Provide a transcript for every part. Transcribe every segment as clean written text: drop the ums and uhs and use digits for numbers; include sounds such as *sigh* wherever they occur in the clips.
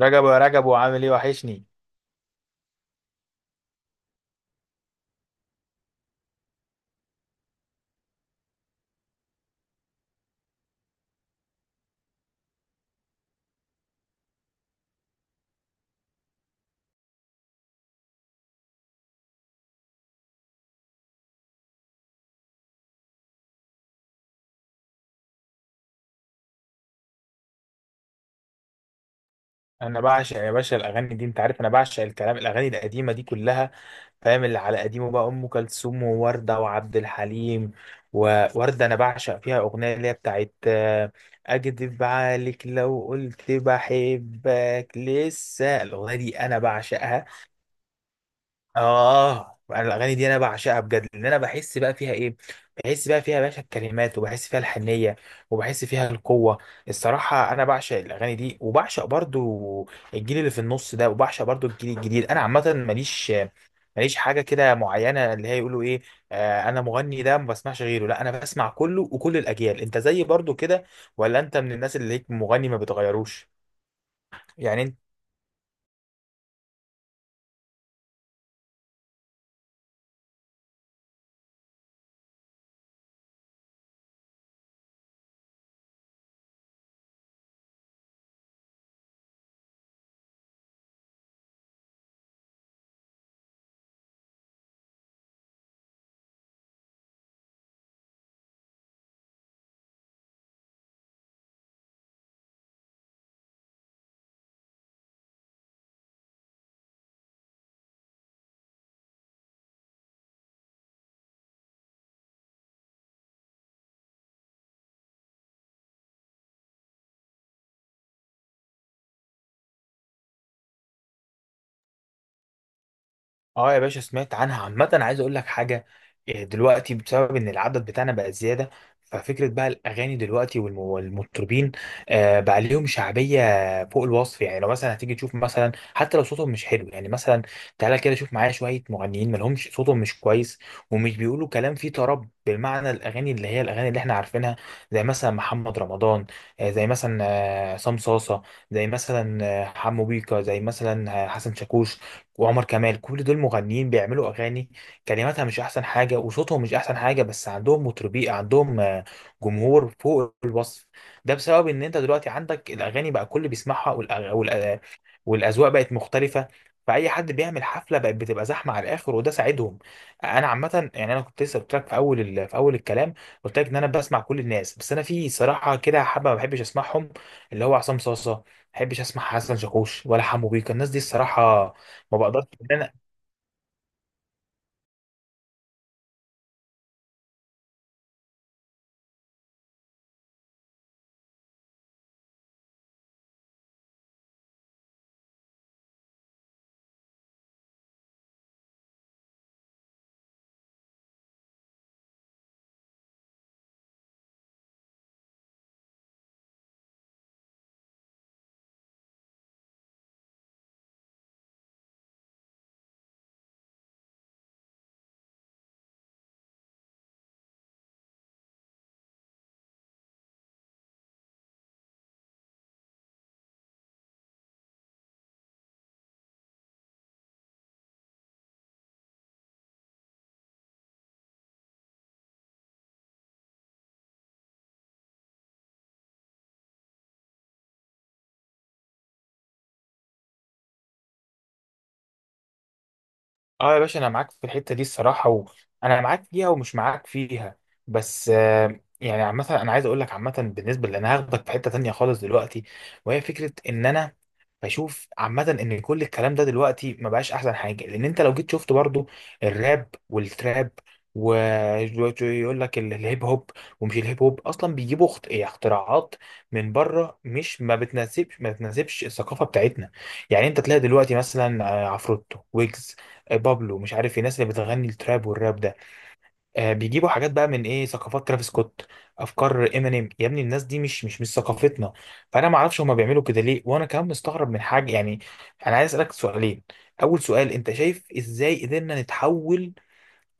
رجب، يا رجب، وعامل ايه؟ وحشني. انا بعشق يا باشا الاغاني دي، انت عارف انا بعشق الكلام، الاغاني القديمه دي كلها. فاهم؟ اللي على قديمه بقى ام كلثوم وورده وعبد الحليم. وورده انا بعشق فيها اغنيه اللي هي بتاعت اكدب عليك لو قلت بحبك. لسه الاغنيه دي انا بعشقها. اه، انا الاغاني دي انا بعشقها بجد، لان انا بحس بقى فيها ايه، بحس بقى فيها يا باشا الكلمات، وبحس فيها الحنيه، وبحس فيها القوه. الصراحه انا بعشق الاغاني دي، وبعشق برضو الجيل اللي في النص ده، وبعشق برضو الجيل الجديد. انا عامه ماليش حاجه كده معينه، اللي هي يقولوا ايه، آه، انا مغني ده ما بسمعش غيره. لا، انا بسمع كله وكل الاجيال. انت زي برضو كده، ولا انت من الناس اللي هيك مغني ما بتغيروش؟ يعني. اه يا باشا سمعت عنها. عامة عايز اقول لك حاجة، دلوقتي بسبب ان العدد بتاعنا بقى زيادة، ففكرة بقى الاغاني دلوقتي والمطربين بقى ليهم شعبية فوق الوصف. يعني لو مثلا هتيجي تشوف مثلا، حتى لو صوتهم مش حلو يعني، مثلا تعالى كده شوف معايا شوية مغنيين مالهمش، صوتهم مش كويس ومش بيقولوا كلام فيه طرب بالمعنى، الاغاني اللي هي الاغاني اللي احنا عارفينها. زي مثلا محمد رمضان، زي مثلا عصام صاصة، زي مثلا حمو بيكا، زي مثلا حسن شاكوش وعمر كمال. كل دول مغنيين بيعملوا اغاني كلماتها مش احسن حاجه وصوتهم مش احسن حاجه، بس عندهم مطربين، عندهم جمهور فوق الوصف. ده بسبب ان انت دلوقتي عندك الاغاني بقى كل بيسمعها، والاذواق بقت مختلفه، فاي حد بيعمل حفله بقت بتبقى زحمه على الاخر، وده ساعدهم. انا عامه يعني، انا كنت لسه قلت لك في في اول الكلام، قلت لك ان انا بسمع كل الناس، بس انا في صراحه كده حبه ما بحبش اسمعهم، اللي هو عصام صاصه، ما بحبش اسمع حسن شاكوش ولا حمو بيكا، الناس دي الصراحه ما بقدرش ان انا. اه يا باشا، انا معاك في الحته دي الصراحه، وانا معاك فيها ومش معاك فيها. بس يعني عامه انا عايز اقول لك، عامه بالنسبه لان انا هاخدك في حته تانية خالص دلوقتي، وهي فكره ان انا بشوف عامة ان كل الكلام ده دلوقتي ما بقاش احسن حاجة، لان انت لو جيت شفت برضو الراب والتراب، ويقول لك الهيب هوب، ومش الهيب هوب اصلا بيجيبوا اخت- إيه، اختراعات من بره، مش ما بتناسبش الثقافة بتاعتنا. يعني انت تلاقي دلوقتي مثلا عفروتو ويجز، بابلو، مش عارف إيه، الناس اللي بتغني التراب والراب ده بيجيبوا حاجات بقى من ايه، ثقافات ترافيس سكوت، افكار امينيم. يا ابني الناس دي مش ثقافتنا. فانا ما اعرفش هما بيعملوا كده ليه، وانا كمان مستغرب من حاجه يعني. انا عايز اسالك سؤالين: اول سؤال، انت شايف ازاي قدرنا نتحول؟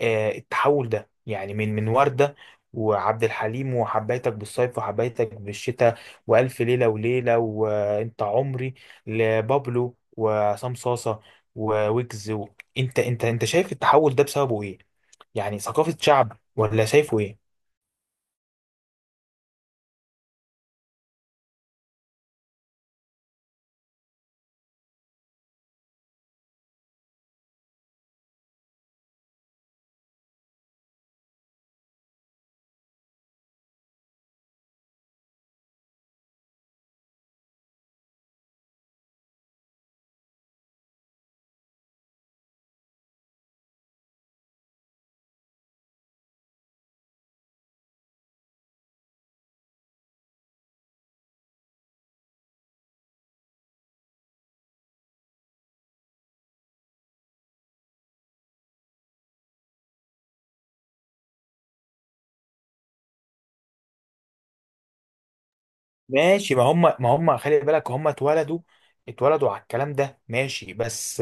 التحول ده يعني من ورده وعبد الحليم وحبيتك بالصيف وحبيتك بالشتاء والف ليله وليله وانت عمري، لبابلو وعصام صاصه وويجز و... انت انت انت شايف التحول ده بسببه ايه؟ يعني ثقافة شعب، ولا شايفه ايه؟ ماشي، ما هم ما هم خلي بالك هم اتولدوا على الكلام ده، ماشي. بس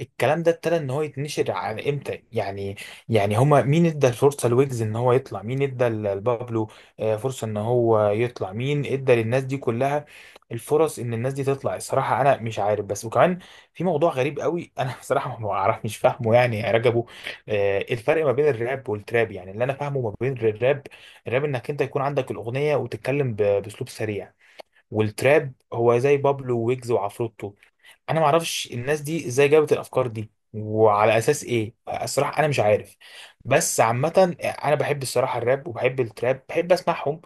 الكلام ده ابتدى ان هو يتنشر على امتى يعني؟ يعني هما مين ادى الفرصه لويجز ان هو يطلع؟ مين ادى لبابلو فرصه ان هو يطلع؟ مين ادى للناس دي كلها الفرص ان الناس دي تطلع؟ الصراحه انا مش عارف. بس وكمان في موضوع غريب قوي، انا *laughs* بصراحه ما اعرف، مش فاهمه يعني يا رجبو، الفرق ما بين الراب والتراب. يعني اللي انا فاهمه ما بين الراب، الراب انك انت يكون عندك الاغنيه وتتكلم باسلوب سريع، والتراب هو زي بابلو ويجز وعفروتو. انا ما اعرفش الناس دي ازاي جابت الافكار دي وعلى اساس ايه. الصراحه انا مش عارف، بس عامه انا بحب الصراحه الراب وبحب التراب، بحب اسمعهم،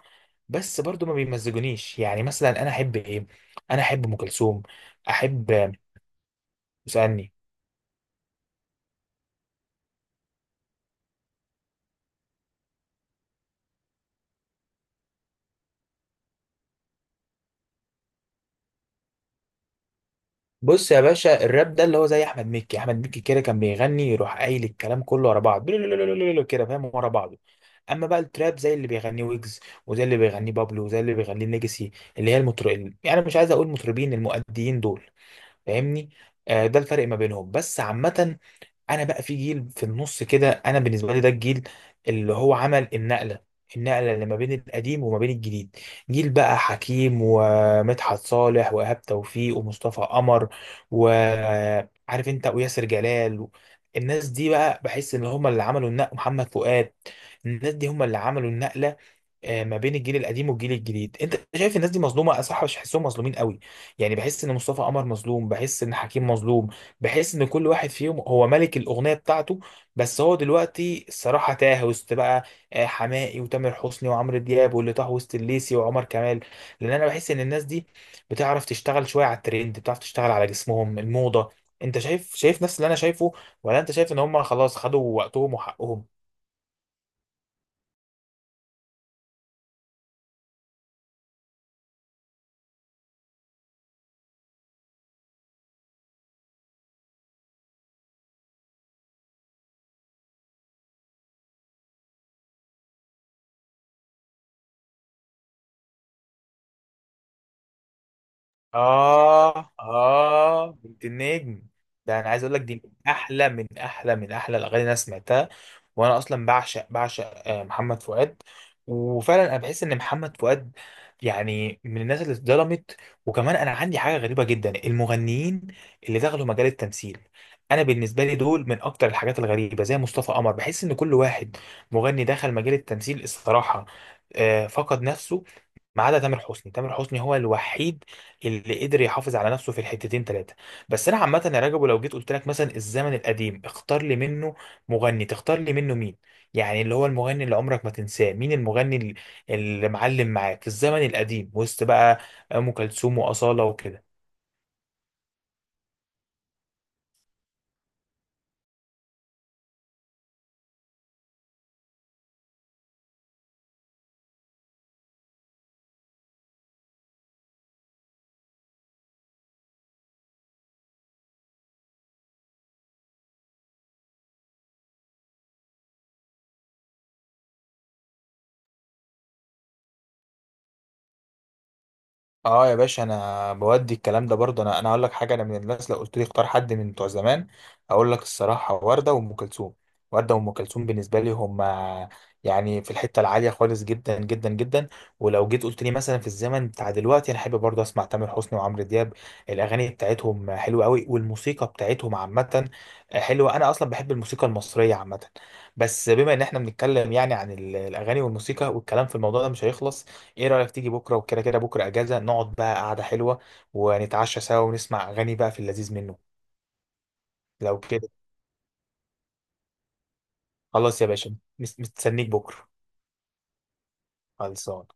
بس برضو ما بيمزجونيش. يعني مثلا انا احب ايه؟ انا احب ام كلثوم، احب. اسالني. بص يا باشا الراب ده اللي هو زي احمد مكي، احمد مكي كده كان بيغني يروح قايل الكلام كله ورا بعض *laughs* كده، فاهم؟ ورا بعض. اما بقى التراب زي اللي بيغنيه ويجز، وزي اللي بيغنيه بابلو، وزي اللي بيغنيه ليجاسي، اللي هي المطر يعني، مش عايز اقول مطربين، المؤديين دول، فاهمني؟ آه، ده الفرق ما بينهم. بس عامة انا بقى في جيل في النص كده، انا بالنسبه لي ده الجيل اللي هو عمل النقله، النقله اللي ما بين القديم وما بين الجديد. جيل بقى حكيم ومدحت صالح وايهاب توفيق ومصطفى قمر، وعارف انت، وياسر جلال، الناس دي بقى بحس ان هم اللي عملوا النقله، محمد فؤاد، الناس دي هم اللي عملوا النقله ما بين الجيل القديم والجيل الجديد. انت شايف الناس دي مظلومه؟ اصح مش بحسهم مظلومين قوي يعني. بحس ان مصطفى قمر مظلوم، بحس ان حكيم مظلوم، بحس ان كل واحد فيهم هو ملك الاغنيه بتاعته، بس هو دلوقتي الصراحه تاه وسط بقى حماقي وتامر حسني وعمرو دياب، واللي طاه وسط الليسي وعمر كمال، لان انا بحس ان الناس دي بتعرف تشتغل شويه على الترند، بتعرف تشتغل على جسمهم الموضه. انت شايف، شايف نفس اللي انا شايفه، ولا انت شايف ان هم خلاص خدوا وقتهم وحقهم؟ اه، اه، بنت النجم! ده انا عايز اقول لك دي من احلى، من احلى، من احلى الاغاني اللي انا سمعتها، وانا اصلا بعشق، بعشق محمد فؤاد. وفعلا انا بحس ان محمد فؤاد يعني من الناس اللي اتظلمت. وكمان انا عندي حاجه غريبه جدا، المغنيين اللي دخلوا مجال التمثيل، انا بالنسبه لي دول من اكتر الحاجات الغريبه، زي مصطفى قمر. بحس ان كل واحد مغني دخل مجال التمثيل الصراحه فقد نفسه، ما عدا تامر حسني، تامر حسني هو الوحيد اللي قدر يحافظ على نفسه في الحتتين ثلاثه. بس انا عامه يا رجب، لو جيت قلت لك مثلا الزمن القديم، اختار لي منه مغني، تختار لي منه مين؟ يعني اللي هو المغني اللي عمرك ما تنساه، مين المغني اللي معلم معاك في الزمن القديم وسط بقى ام كلثوم واصاله وكده؟ اه يا باشا، انا بودي الكلام ده برضه، انا، اقول لك حاجه: انا من الناس لو قلت لي اختار حد من بتوع زمان، اقول لك الصراحه ورده وام كلثوم. ورده وام كلثوم بالنسبه لي هم يعني في الحته العاليه خالص، جدا جدا جدا. ولو جيت قلت لي مثلا في الزمن بتاع دلوقتي، انا احب برضه اسمع تامر حسني وعمرو دياب. الاغاني بتاعتهم حلوه قوي، والموسيقى بتاعتهم عامه حلوه، انا اصلا بحب الموسيقى المصريه عامه. بس بما ان احنا بنتكلم يعني عن الاغاني والموسيقى، والكلام في الموضوع ده مش هيخلص، ايه رأيك تيجي بكرة؟ وكده كده بكرة اجازة، نقعد بقى قعدة حلوة، ونتعشى سوا، ونسمع اغاني بقى في اللذيذ منه. لو كده. خلاص يا باشا، مستنيك بكرة. خلصان.